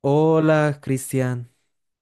Hola, Cristian.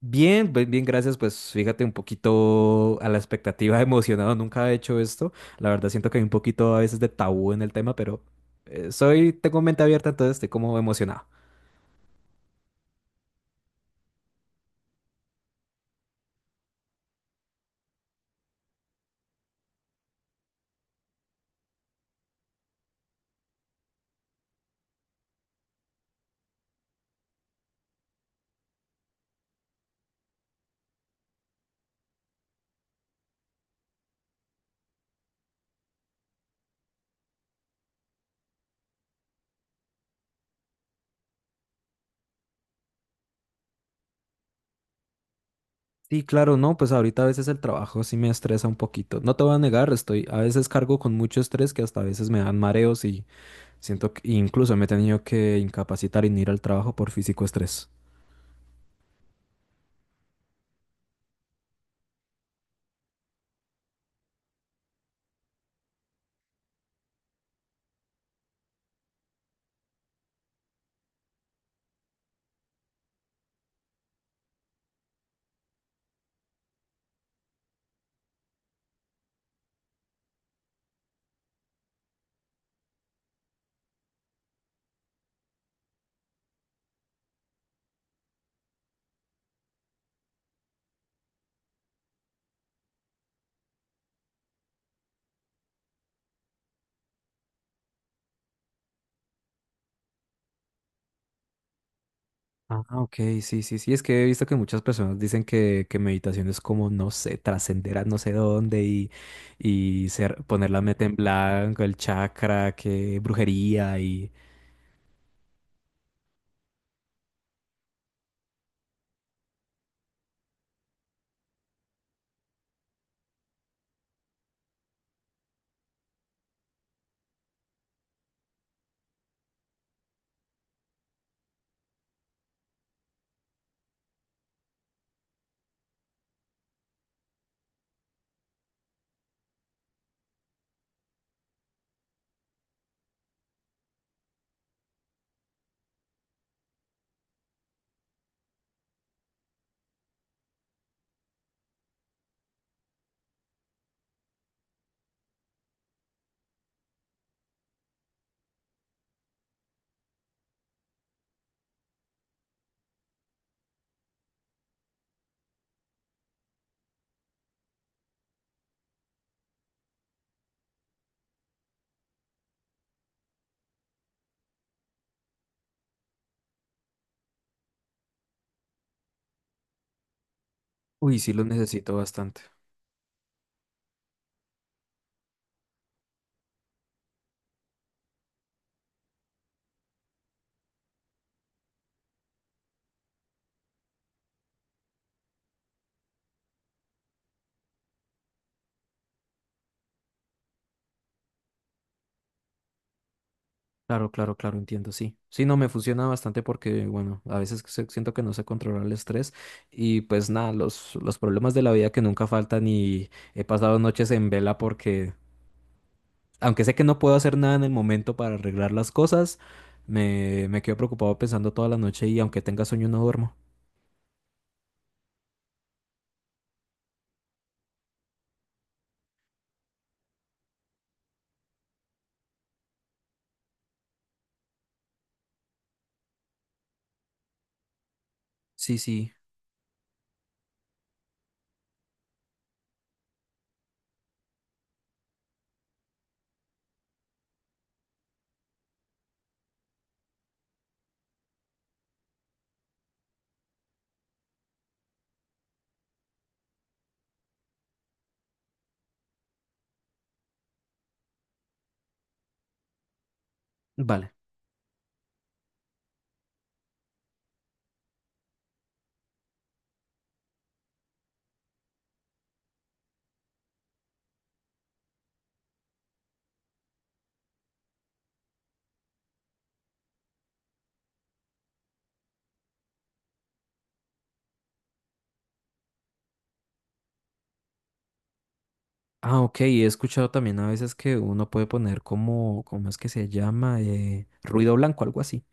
Bien, pues, bien, gracias. Pues fíjate un poquito a la expectativa, emocionado. Nunca he hecho esto. La verdad siento que hay un poquito a veces de tabú en el tema, pero tengo mente abierta, entonces estoy como emocionado. Sí, claro, no, pues ahorita a veces el trabajo sí me estresa un poquito. No te voy a negar, estoy a veces cargo con mucho estrés que hasta a veces me dan mareos y siento que incluso me he tenido que incapacitar y no ir al trabajo por físico estrés. Ah, ok, sí, sí, sí. Es que he visto que muchas personas dicen que meditación es como, no sé, trascender a no sé dónde y ser, poner la meta en blanco, el chakra, que brujería y... Uy, sí, lo necesito bastante. Claro, claro, claro, entiendo, sí. Sí, no, me funciona bastante porque, bueno, a veces siento que no sé controlar el estrés y pues nada, los problemas de la vida que nunca faltan y he pasado noches en vela porque aunque sé que no puedo hacer nada en el momento para arreglar las cosas, me quedo preocupado pensando toda la noche y aunque tenga sueño no duermo. Sí, sí, vale. Ah, ok, he escuchado también a veces que uno puede poner como, ¿cómo es que se llama? Ruido blanco, algo así.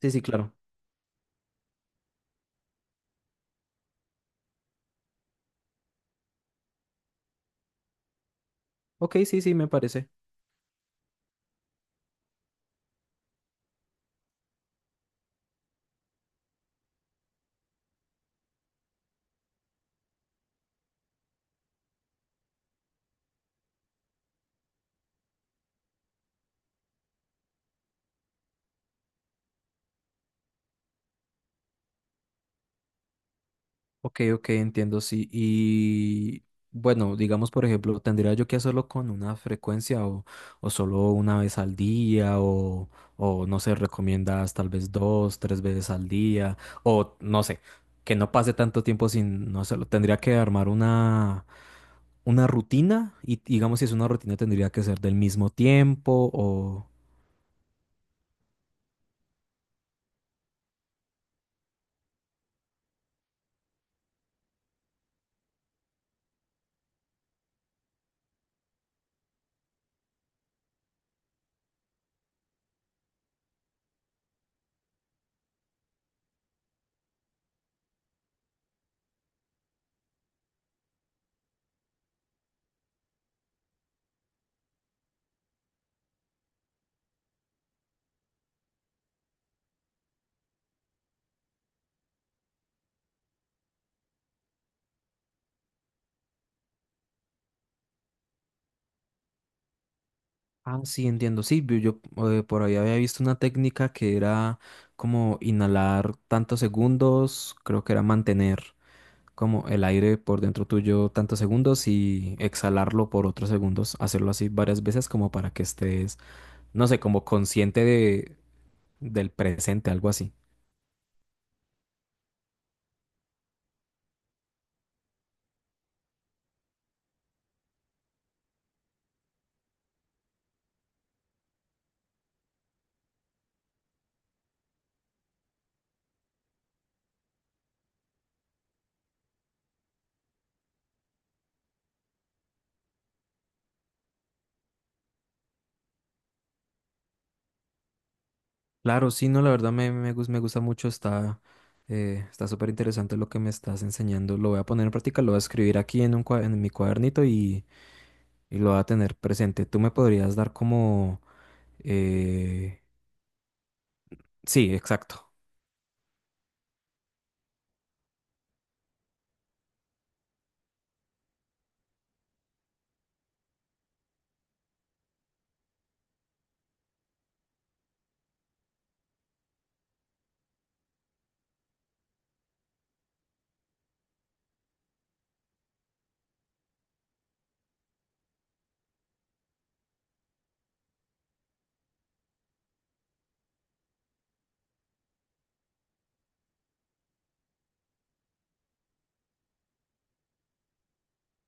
Sí, sí, claro. Ok, sí, sí, me parece. Ok, ok, entiendo, sí. Y bueno, digamos, por ejemplo, ¿tendría yo que hacerlo con una frecuencia o solo una vez al día? ¿O, o no sé, recomiendas tal vez dos, tres veces al día? O no sé, que no pase tanto tiempo sin no hacerlo. Tendría que armar una rutina y digamos, si es una rutina, ¿tendría que ser del mismo tiempo o...? Ah, sí, entiendo. Sí, vi- yo por ahí había visto una técnica que era como inhalar tantos segundos, creo que era mantener como el aire por dentro tuyo tantos segundos y exhalarlo por otros segundos, hacerlo así varias veces como para que estés, no sé, como consciente de, del presente, algo así. Claro, sí, no, la verdad me gusta mucho, está está súper interesante lo que me estás enseñando, lo voy a poner en práctica, lo voy a escribir aquí en un, en mi cuadernito y lo va a tener presente. ¿Tú me podrías dar como... eh...? Sí, exacto.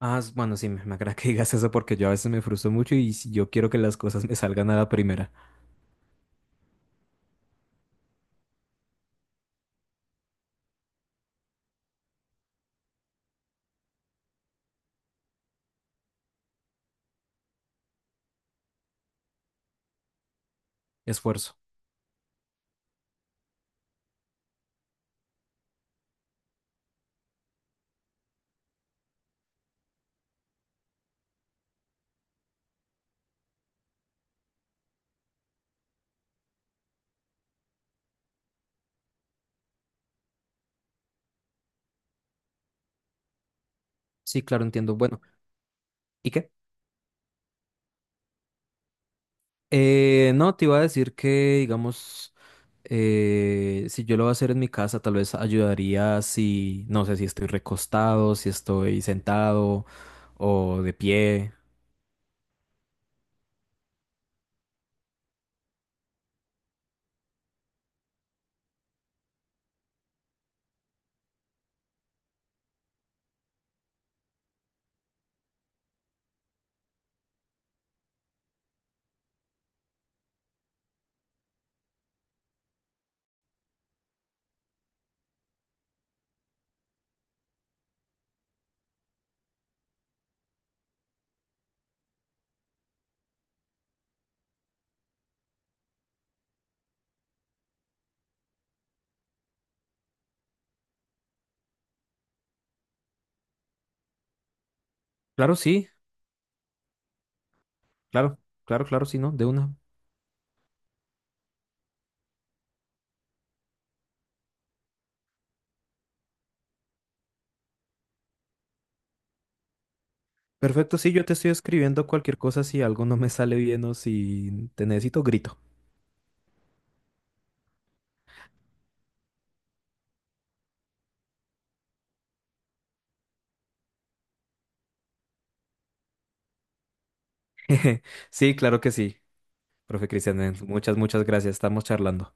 Bueno, sí, me agrada que digas eso porque yo a veces me frustro mucho y si yo quiero que las cosas me salgan a la primera. Esfuerzo. Sí, claro, entiendo. Bueno, ¿y qué? No, te iba a decir que, digamos, si yo lo voy a hacer en mi casa, tal vez ayudaría si, no sé, si estoy recostado, si estoy sentado o de pie. Claro, sí, claro, claro, claro, sí, ¿no? De una. Perfecto, sí, yo te estoy escribiendo cualquier cosa si algo no me sale bien o si te necesito, grito. Sí, claro que sí, profe Cristian, muchas, muchas gracias, estamos charlando.